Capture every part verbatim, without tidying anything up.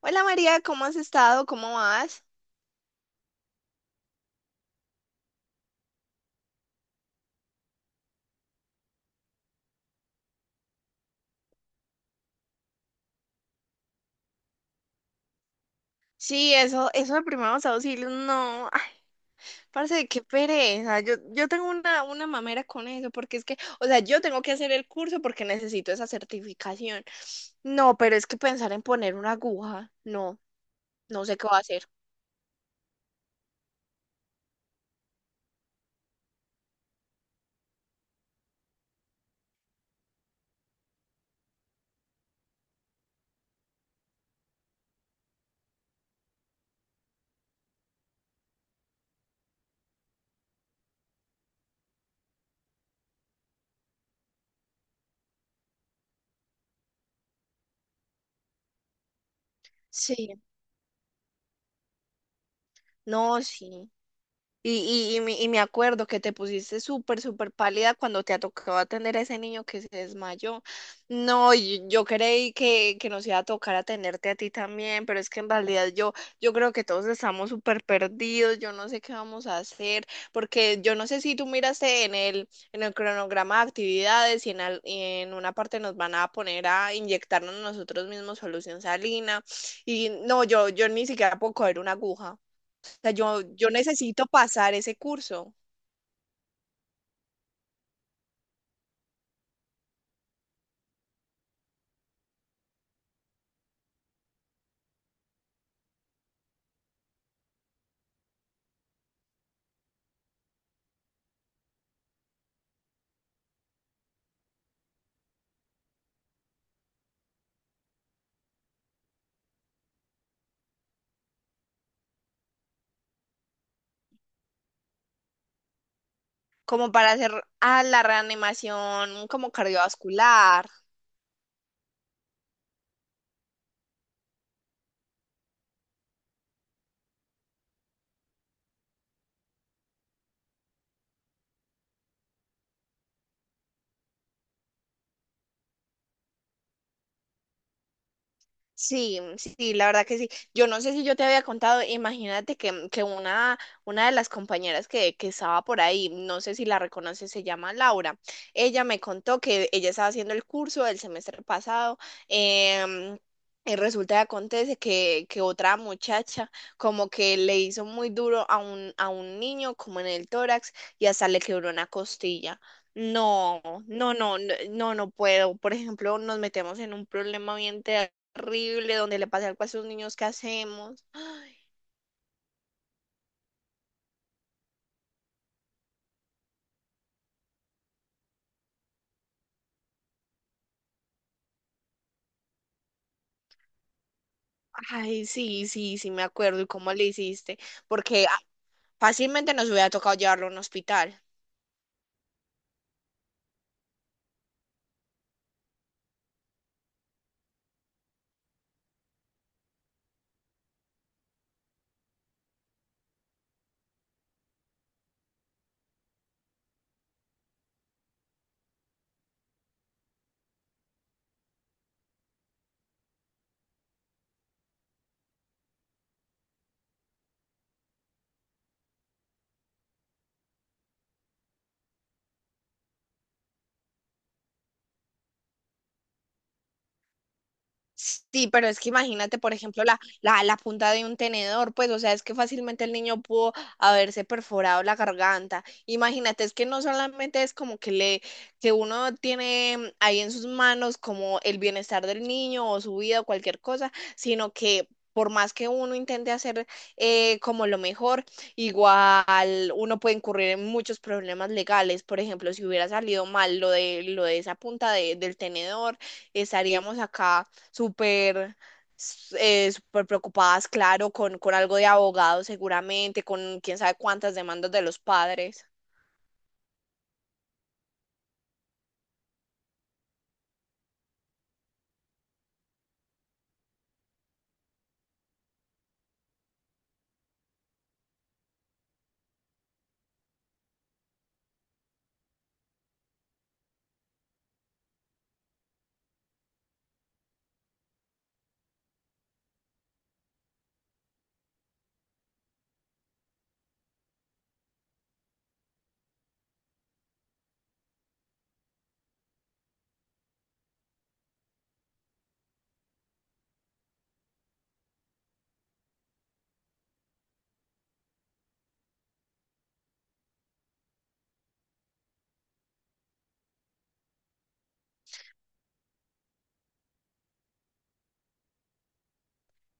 Hola María, ¿cómo has estado? ¿Cómo vas? Sí, eso, eso de primeros auxilios, no, ay, parce, qué pereza. Yo, yo tengo una, una mamera con eso, porque es que, o sea, yo tengo que hacer el curso porque necesito esa certificación. No, pero es que pensar en poner una aguja, no, no sé qué va a hacer. Sí, no, sí. Y, y, y, me y me acuerdo que te pusiste súper, súper pálida cuando te tocó atender a ese niño que se desmayó. No, y yo, creí que, que, nos iba a tocar atenderte a ti también, pero es que en realidad yo, yo creo que todos estamos súper perdidos, yo no sé qué vamos a hacer, porque yo no sé si tú miraste en el, en el cronograma de actividades y en, al- y en una parte nos van a poner a inyectarnos nosotros mismos solución salina. Y no, yo, yo ni siquiera puedo coger una aguja, o sea, yo, yo necesito pasar ese curso como para hacer ah, la reanimación como cardiovascular. Sí, mm, sí, la verdad que sí. Yo no sé si yo te había contado, imagínate que, mm, que una, una de las compañeras que, que estaba por ahí, no sé si la reconoces, se llama Laura. Ella me contó que ella estaba haciendo el curso del semestre pasado. em, y resulta que acontece que, que, otra muchacha como que le hizo muy duro a un, a un niño como en el tórax y hasta le quebró una costilla. No, no, no, no, no no puedo. Por ejemplo, nos metemos en un problema bien tenso horrible donde le pasa algo a esos niños, ¿qué hacemos? Ay, ay, sí, sí, sí, me acuerdo. ¿Y cómo le hiciste? Porque ah, fácilmente nos hubiera tocado llevarlo a un hospital. Sí, pero es que imagínate, por ejemplo, la, la, la punta de un tenedor, pues, o sea, es que fácilmente el niño pudo haberse perforado la garganta. Imagínate, es que no solamente es como que le, que uno tiene ahí en sus manos como el bienestar del niño o su vida o cualquier cosa, sino que por más que uno intente hacer eh, como lo mejor, igual uno puede incurrir en muchos problemas legales. Por ejemplo, si hubiera salido mal lo de, lo de, esa punta de- del tenedor, estaríamos acá súper s- eh, súper preocupadas, claro, con, con algo de abogado seguramente, con quién sabe cuántas demandas de los padres.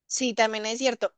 Sí, también es cierto.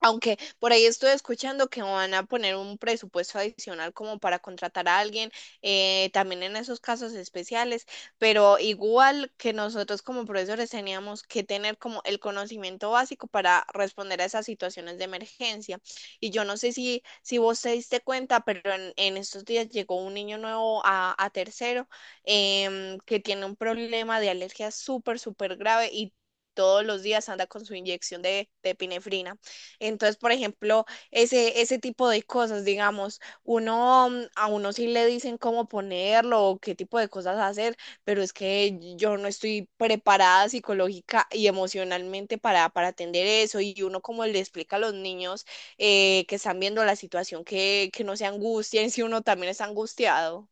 Aunque por ahí estoy escuchando que van a poner un presupuesto adicional como para contratar a alguien, eh, también en esos casos especiales, pero igual que nosotros como profesores teníamos que tener como el conocimiento básico para responder a esas situaciones de emergencia. Y yo no sé si, si, vos te diste cuenta, pero en, en estos días llegó un niño nuevo a, a tercero, em, que tiene un problema de alergia súper, súper grave y todos los días anda con su inyección de, de, epinefrina. Entonces, por ejemplo, ese, ese tipo de cosas, digamos, uno mm, a uno sí le dicen cómo ponerlo o qué tipo de cosas hacer, pero es que yo no estoy preparada psicológica y emocionalmente para, para, atender eso. Y uno como le explica a los niños eh, que están viendo la situación, que, que no se angustien si uno también está angustiado.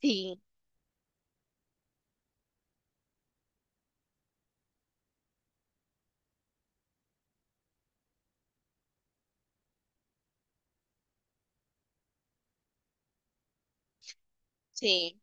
Sí, sí.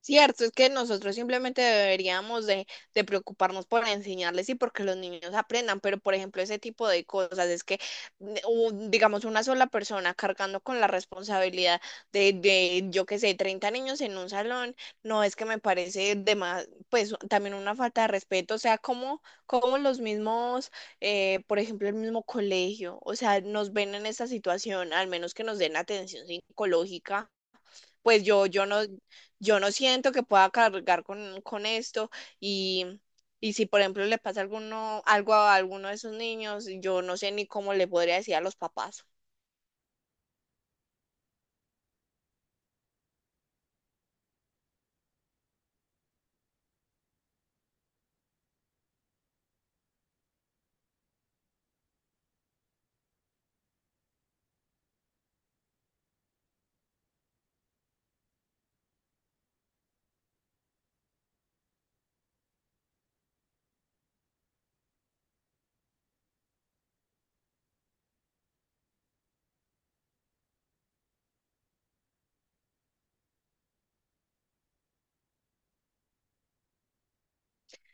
Cierto, es que nosotros simplemente deberíamos de, de preocuparnos por enseñarles y porque los niños aprendan, pero por ejemplo ese tipo de cosas es que n- u- digamos una sola persona cargando con la responsabilidad de, de yo qué sé, treinta niños en un salón, no es que me parece de más, pues también una falta de respeto, o sea, como, como los mismos, eh, por ejemplo el mismo colegio, o sea, nos ven en esta situación, al menos que nos den atención psicológica, pues yo, yo no, yo no siento que pueda cargar con, con, esto y, y si por ejemplo le pasa alguno, algo a alguno de esos niños, yo no sé ni cómo le podría decir a los papás.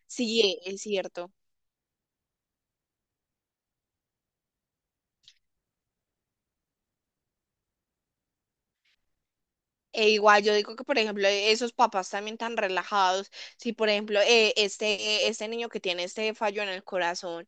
Sí, es cierto. E igual yo digo que, por ejemplo, esos papás también tan relajados, si por ejemplo, eh, este, este, niño que tiene este fallo en el corazón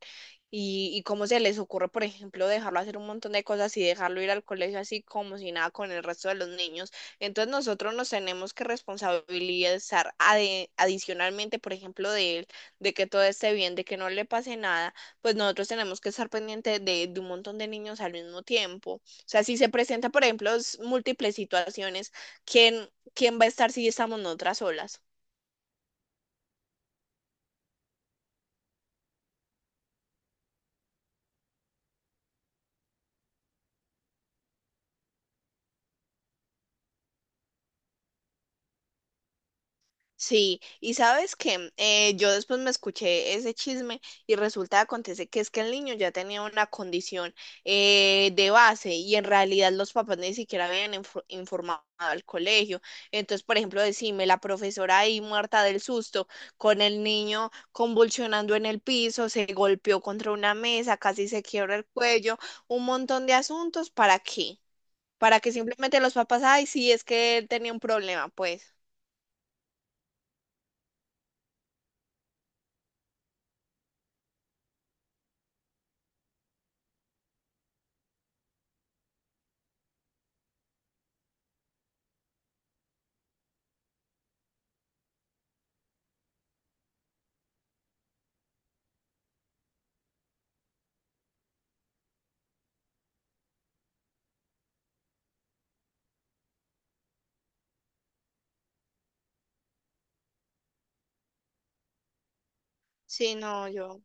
y, y cómo se les ocurre, por ejemplo, dejarlo hacer un montón de cosas y dejarlo ir al colegio así como si nada con el resto de los niños. Entonces nosotros nos tenemos que responsabilizar ade- adicionalmente, por ejemplo, de él, de que todo esté bien, de que no le pase nada, pues nosotros tenemos que estar pendientes de, de, un montón de niños al mismo tiempo. O sea, si se presenta, por ejemplo, s- múltiples situaciones, ¿Quién, quién va a estar si estamos nosotras solas? Sí, y sabes que eh, yo después me escuché ese chisme y resulta acontece que es que el niño ya tenía una condición, eh, de base y en realidad los papás ni siquiera habían infor- informado al colegio. Entonces, por ejemplo, decime, la profesora ahí muerta del susto, con el niño convulsionando en el piso, se golpeó contra una mesa, casi se quiebra el cuello, un montón de asuntos, ¿para qué? Para que simplemente los papás, ay, sí, es que él tenía un problema, pues. Sí, no, yo.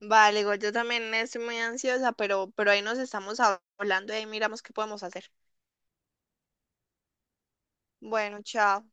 Vale, digo, yo también estoy muy ansiosa, pero, pero ahí nos estamos hab- hablando y ahí miramos qué podemos hacer. Bueno, chao.